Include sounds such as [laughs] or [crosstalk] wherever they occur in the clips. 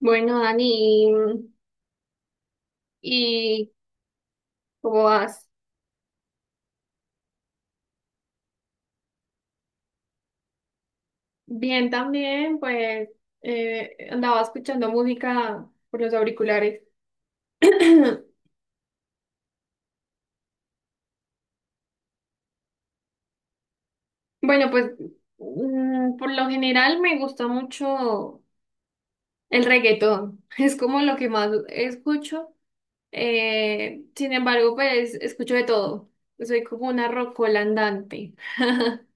Bueno, Dani, y, y ¿cómo vas? Bien también, pues andaba escuchando música por los auriculares. [clears throat] Bueno, pues por lo general me gusta mucho el reggaetón, [laughs] es como lo que más escucho. Sin embargo, pues escucho de todo. Soy como una rocola andante. [laughs]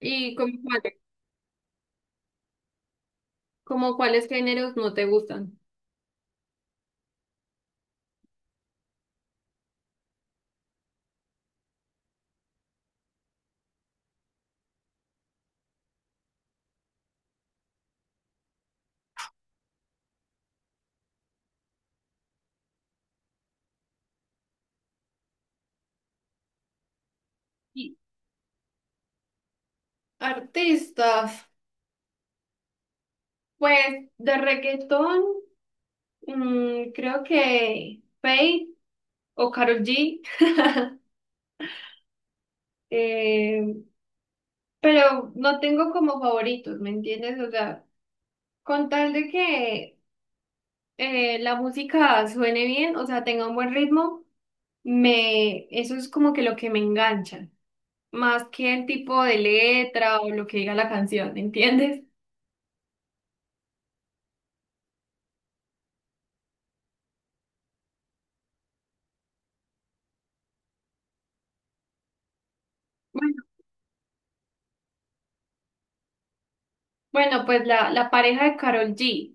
¿Y como cuáles géneros no te gustan? Y artistas, pues de reggaetón, creo que Faith o Karol G, eh, pero no tengo como favoritos, ¿me entiendes? O sea, con tal de que la música suene bien, o sea, tenga un buen ritmo, eso es como que lo que me engancha, más que el tipo de letra o lo que diga la canción, ¿me entiendes? Bueno, bueno, pues la pareja de Karol G,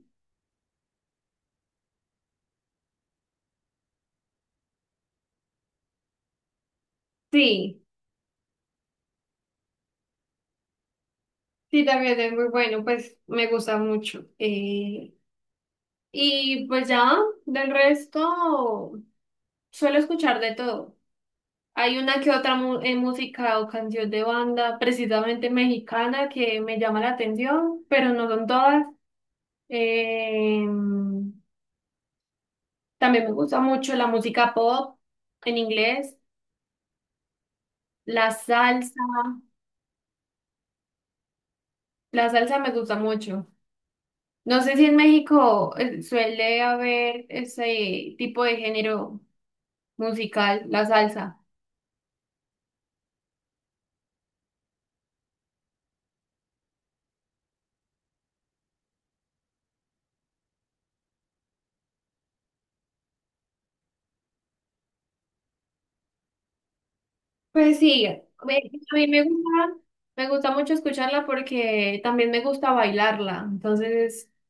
sí. Sí, también es muy bueno, pues me gusta mucho. Y pues ya, del resto, suelo escuchar de todo. Hay una que otra música o canción de banda, precisamente mexicana, que me llama la atención, pero no son todas. Eh, también me gusta mucho la música pop en inglés, la salsa. La salsa me gusta mucho. No sé si en México suele haber ese tipo de género musical, la salsa. Pues sí, me- a mí me gusta mucho escucharla porque también me gusta bailarla, entonces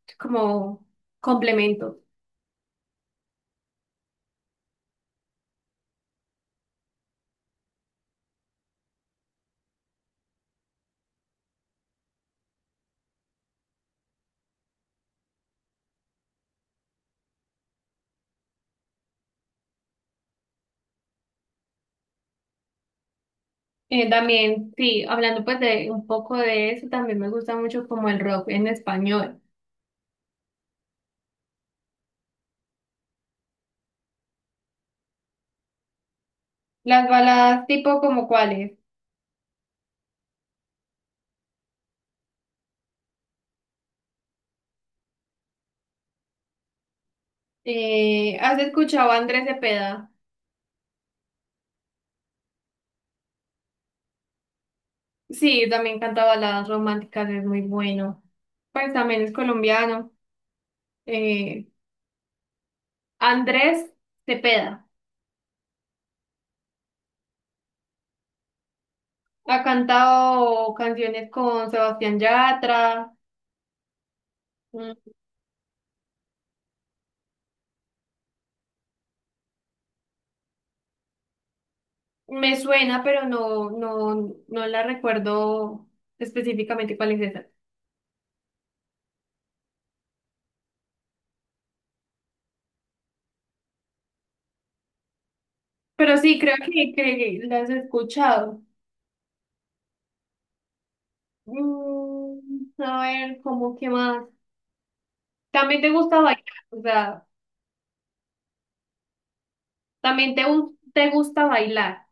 es como complemento. También, sí, hablando pues de un poco de eso, también me gusta mucho como el rock en español. Las baladas tipo como cuáles. ¿Has escuchado a Andrés Cepeda? Sí, también canta baladas románticas, es muy bueno. Pues también es colombiano. Eh, Andrés Cepeda. Ha cantado canciones con Sebastián Yatra. Mm, me suena, pero no la recuerdo específicamente cuál es esa. Pero sí, creo que las he escuchado. Mm, a ver, ¿cómo qué más? También te gusta bailar, o sea, también te gusta bailar.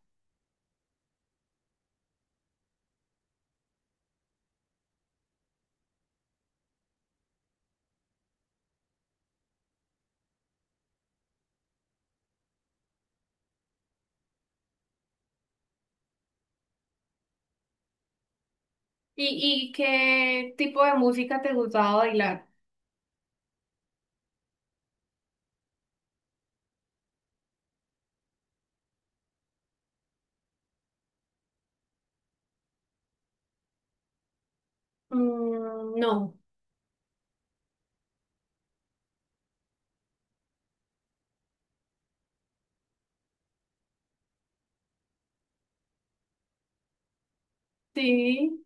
¿Y qué tipo de música te gustaba bailar? Mm, no. Sí.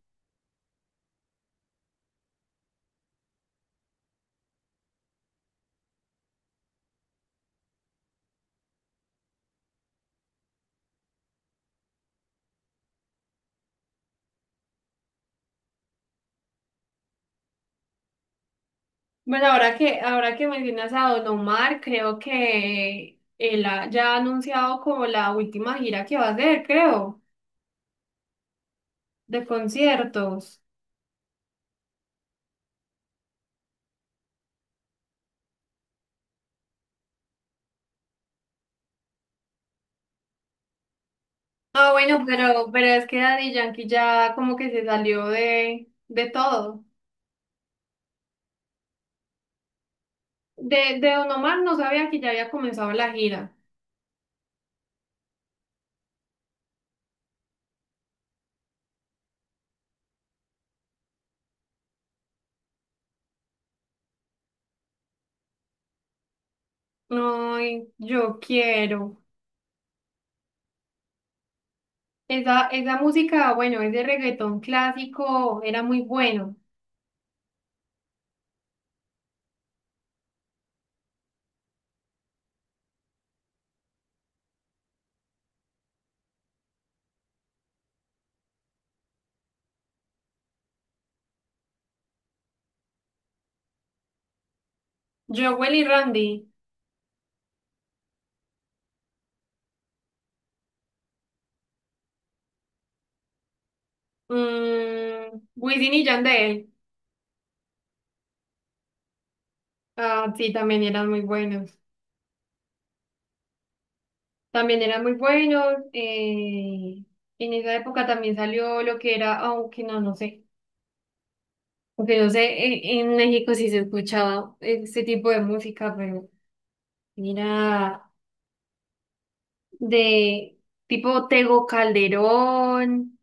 Bueno, ahora que mencionas a Don Omar, creo que ya ha anunciado como la última gira que va a hacer, creo, de conciertos. Ah, bueno, pero es que Daddy Yankee ya como que se salió de todo. De Don Omar no sabía que ya había comenzado la gira. Ay, yo quiero. Esa música, bueno, ese reggaetón clásico era muy bueno. Jowell y Randy, mm, Wisin y Yandel. Ah, sí, también eran muy buenos. También eran muy buenos. En esa época también salió lo que era, aunque no sé. Aunque no sé, México sí se escuchaba este tipo de música, pero mira, de tipo Tego Calderón,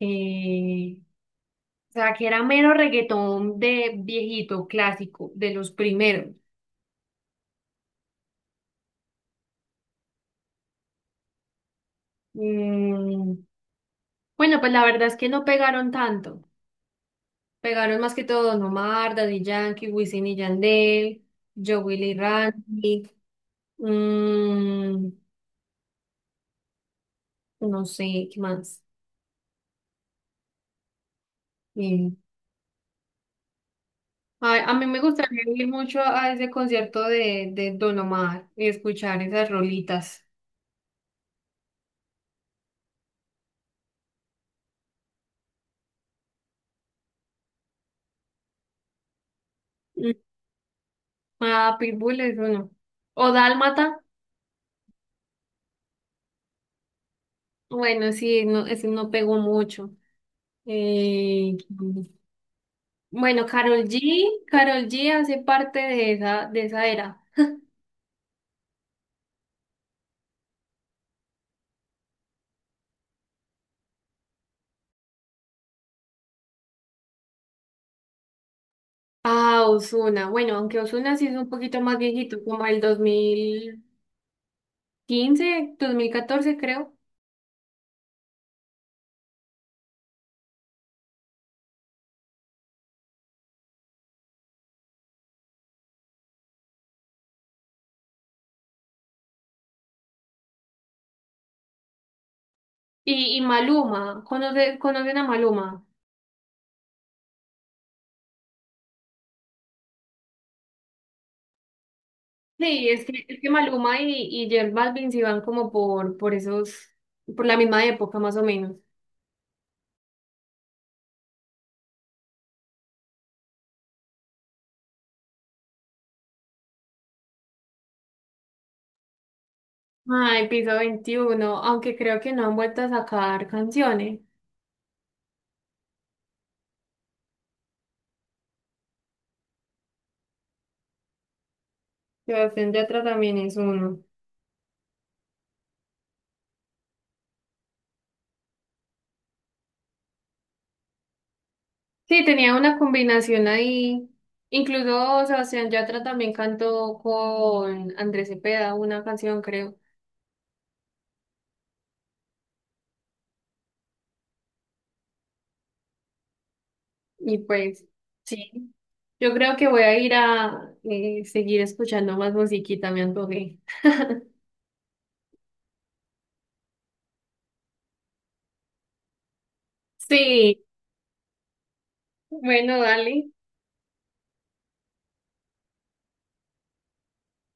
eh, o sea, que era mero reggaetón de viejito, clásico, de los primeros. Mm, bueno, pues la verdad es que no pegaron tanto. Pegaron más que todo Don Omar, Daddy Yankee, Wisin y Yandel, Joe Willy Randy, mm, no sé, ¿qué más? Mm. A mí me gustaría ir mucho a ese concierto de Don Omar y escuchar esas rolitas. Mm, ah, Pitbull es uno. O Dálmata, bueno, sí, no, ese no pegó mucho. Eh, bueno, Karol G hace parte de esa era. Ah, Ozuna. Bueno, aunque Ozuna sí es un poquito más viejito, como el 2015, 2014 creo. Y Maluma, ¿conocen a Maluma? Sí, es que Maluma y J Balvin sí van como por esos, por la misma época más o menos. Ay, Piso 21, aunque creo que no han vuelto a sacar canciones. Sebastián Yatra también es uno. Sí, tenía una combinación ahí. Incluso Sebastián Yatra también cantó con Andrés Cepeda una canción, creo. Y pues, sí, yo creo que voy a ir a seguir escuchando más musiquita, me antojé. Sí, bueno, dale.